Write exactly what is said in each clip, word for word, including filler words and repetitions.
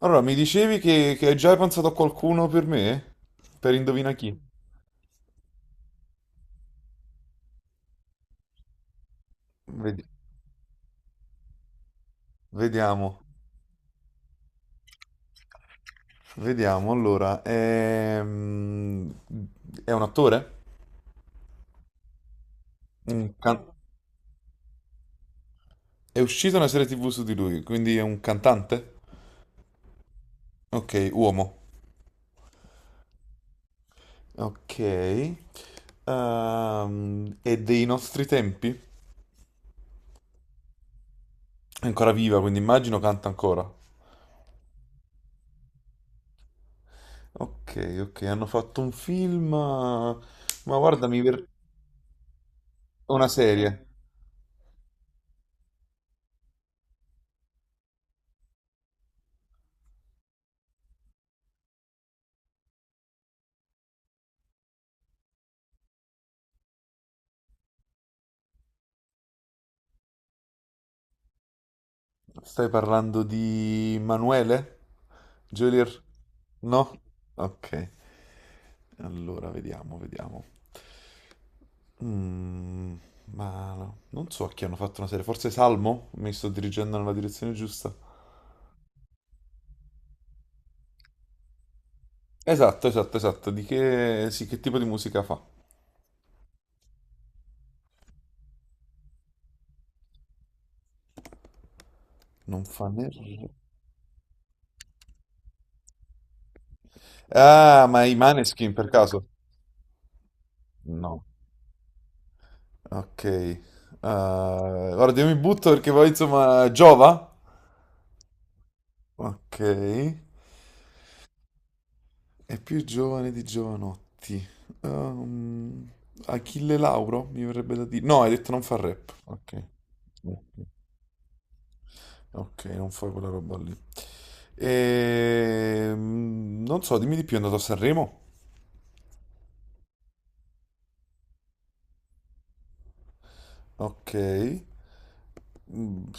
Allora, mi dicevi che, che hai già pensato a qualcuno per me? Per indovina chi? Vedi- vediamo, vediamo. Allora, ehm, è un attore? Un can- è uscita una serie T V su di lui, quindi è un cantante? Ok, uomo. Ok. Ehm, è dei nostri tempi? È ancora viva, quindi immagino canta ancora. Ok, ok, hanno fatto un film. eh, Ma guarda, mi ver- una serie. Stai parlando di Manuele? Geolier? No? Ok, allora vediamo, vediamo. Mm, ma no, non so a chi hanno fatto una serie, forse Salmo? Mi sto dirigendo nella direzione giusta. Esatto, esatto, esatto. Di che, sì, che tipo di musica fa? Non fa né... Ah, ma i Maneskin per caso? No. Ok. Eh, guarda, io mi butto perché poi insomma giova. Ok. È più giovane di Giovanotti. Ehm, Achille Lauro, mi verrebbe da dire. No, hai detto non fa rap. Ok. Ok, non fa quella roba lì. Ehm, non so, dimmi di più, è andato a Sanremo? Ok. Mm,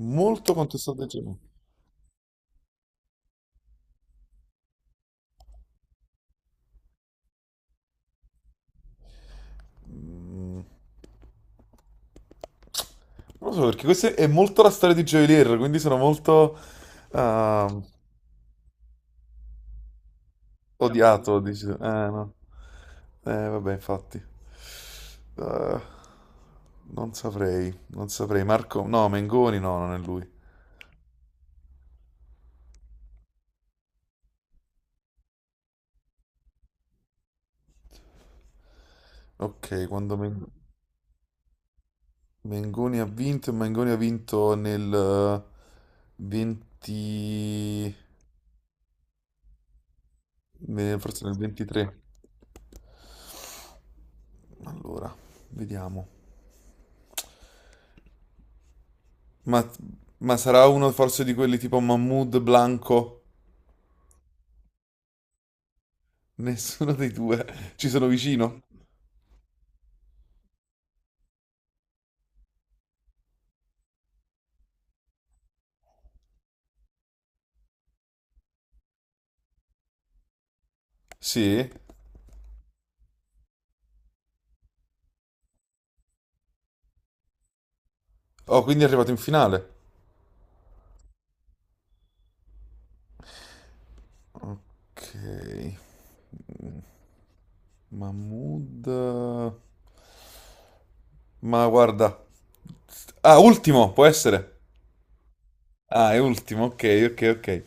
Molto contestato dai giovani. Mm, Non lo so, perché questa è molto la storia di Joy Lear, quindi sono molto... ehm, Odiato, dici. Eh, no. Eh, vabbè, infatti. Eh, non saprei, non saprei. Marco, no, Mengoni no, non è lui. Ok, quando Men- Mengoni ha vinto, Mengoni ha vinto nel eh, venti... nel- forse nel ventitré. Allora, vediamo. Ma, ma sarà uno forse di quelli tipo Mahmood, Blanco? Nessuno dei due. Ci sono vicino? Sì? Oh, quindi è arrivato in finale. Ok, Mahmood. Ma guarda. Ah, ultimo, può essere? Ah, è ultimo, ok, ok, ok.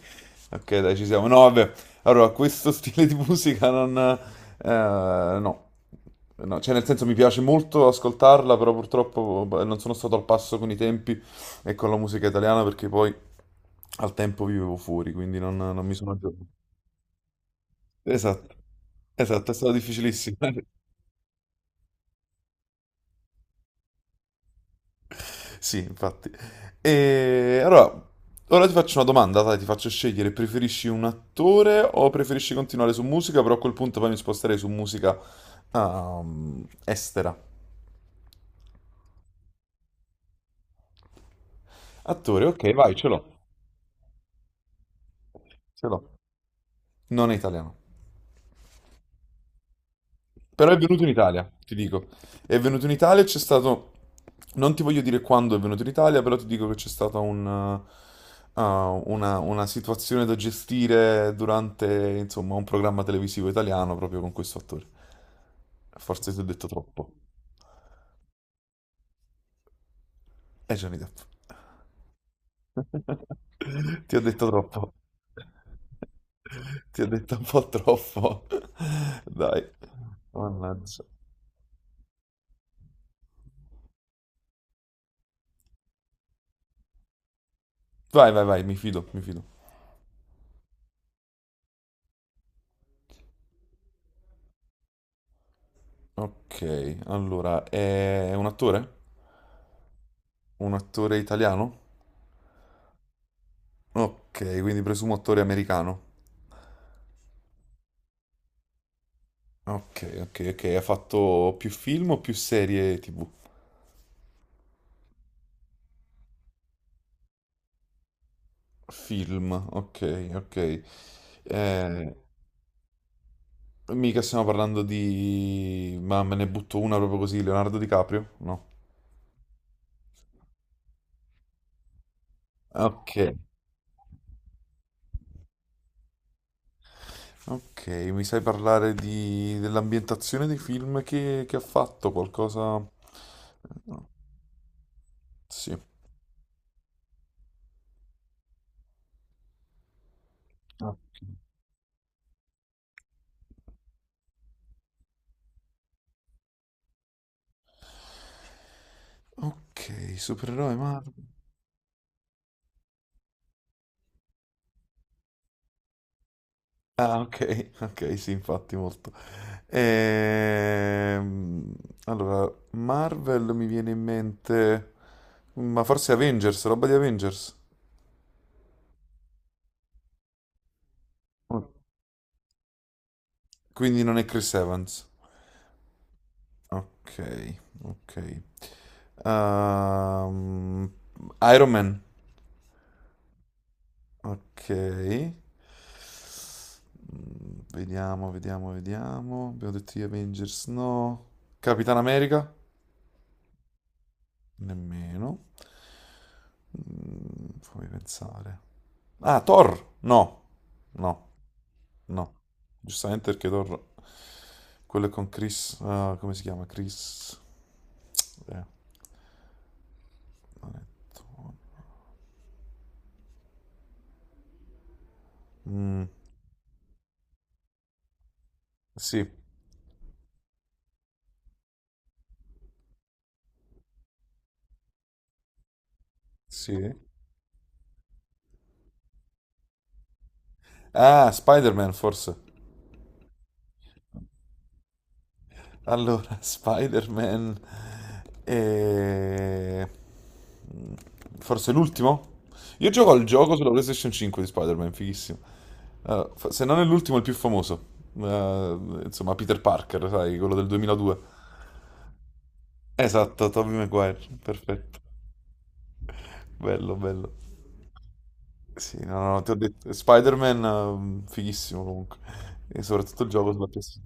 Ok, dai, ci siamo. No, vabbè. Allora, questo stile di musica non... eh, no. No, cioè nel senso mi piace molto ascoltarla, però purtroppo boh, non sono stato al passo con i tempi e con la musica italiana perché poi al tempo vivevo fuori, quindi non, non mi sono aggiornato. Esatto, esatto, è stato difficilissimo. Sì, infatti. E allora, ora ti faccio una domanda, dai, ti faccio scegliere, preferisci un attore o preferisci continuare su musica? Però a quel punto poi mi sposterei su musica ehm, estera. Attore, ok, vai, ce l'ho. Ce l'ho. Non è italiano. Però è venuto in Italia, ti dico. È venuto in Italia, c'è stato... Non ti voglio dire quando è venuto in Italia, però ti dico che c'è stata un, eh, uh, una, una situazione da gestire durante, insomma, un programma televisivo italiano proprio con questo attore. Forse ti ho detto troppo. È Johnny Depp. Ti ho detto troppo. Ti ho detto un po' troppo. Dai. Mannaggia. Vai, vai, vai, mi fido, mi fido. Ok, allora, è un attore? Un attore italiano? Ok, quindi presumo attore americano. Ok, ok, ok, ha fatto più film o più serie T V? Film, ok, ok. Eh, mica stiamo parlando di... Ma me ne butto una proprio così, Leonardo DiCaprio? No. Ok, ok, mi sai parlare di... dell'ambientazione dei film che, che ha fatto? Qualcosa... No. Sì. Ok. Ok, supereroe Marvel. Ah, ok, ok, sì, infatti molto. Ehm, allora, Marvel mi viene in mente, ma forse Avengers, roba di Avengers. Oh, quindi non è Chris Evans. Ok, ok. Ehm, Iron Man. Ok. Vediamo, vediamo, vediamo. Abbiamo detto gli Avengers, no. Capitan America? Nemmeno. Mm, Fammi pensare. Ah, Thor? No, no, no. Giustamente perché Thor, quello è con Chris, ah, come si chiama? Chris. eh, mm, sì, sì. Ah, Spider-Man forse. Allora, Spider-Man. eh, mm, Forse l'ultimo? Io gioco al gioco sulla PlayStation cinque di Spider-Man, fighissimo. Ah, fa- se non è l'ultimo, è il più famoso. Eh, insomma, Peter Parker, sai, quello del duemiladue. Esatto, Tobey Maguire, perfetto. Bello, bello. Sì, no, no, ti ho detto, Spider-Man, ehm, fighissimo comunque. E soprattutto il gioco sulla P S.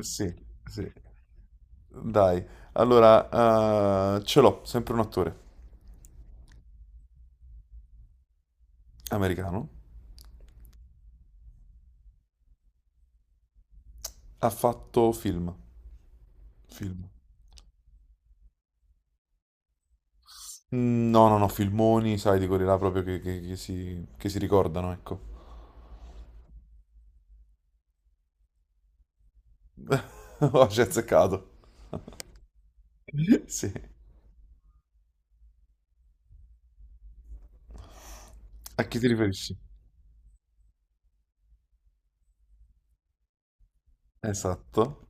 Sì, sì. Dai, allora, eh, ce l'ho, sempre un attore americano. Ha fatto film. Film. Mm, No, no, no, filmoni, sai, di quelli là proprio che, che- che si, che si ricordano, ecco. Ho ci hai azzeccato. Sì. A chi ti riferisci? Esatto.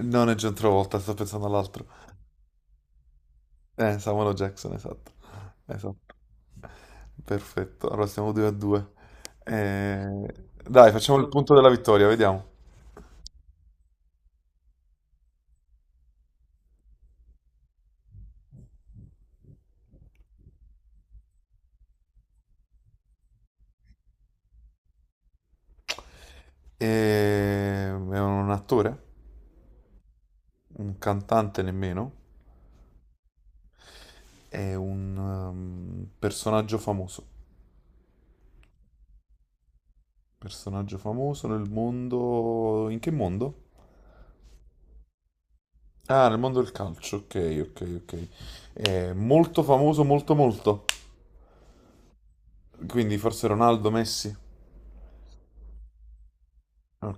Non è John Travolta, sto pensando all'altro. Eh, Samuel L. Jackson, esatto. Esatto. Perfetto, allora siamo due a due. Dai, facciamo il punto della vittoria, vediamo. Ehm, È un attore, un cantante nemmeno, è un ehm, personaggio famoso. Personaggio famoso nel mondo... In che mondo? Ah, nel mondo del calcio, ok, ok, ok. È molto famoso, molto molto. Quindi forse Ronaldo, Messi, ah,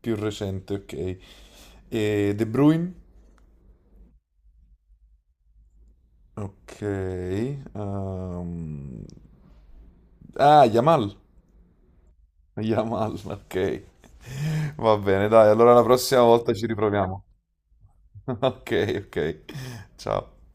più recente, ok. E De Bruyne? Ok. ehm, ah, Yamal. Yamal, ok. Va bene, dai, allora la prossima volta ci riproviamo. Ok, ok. Ciao.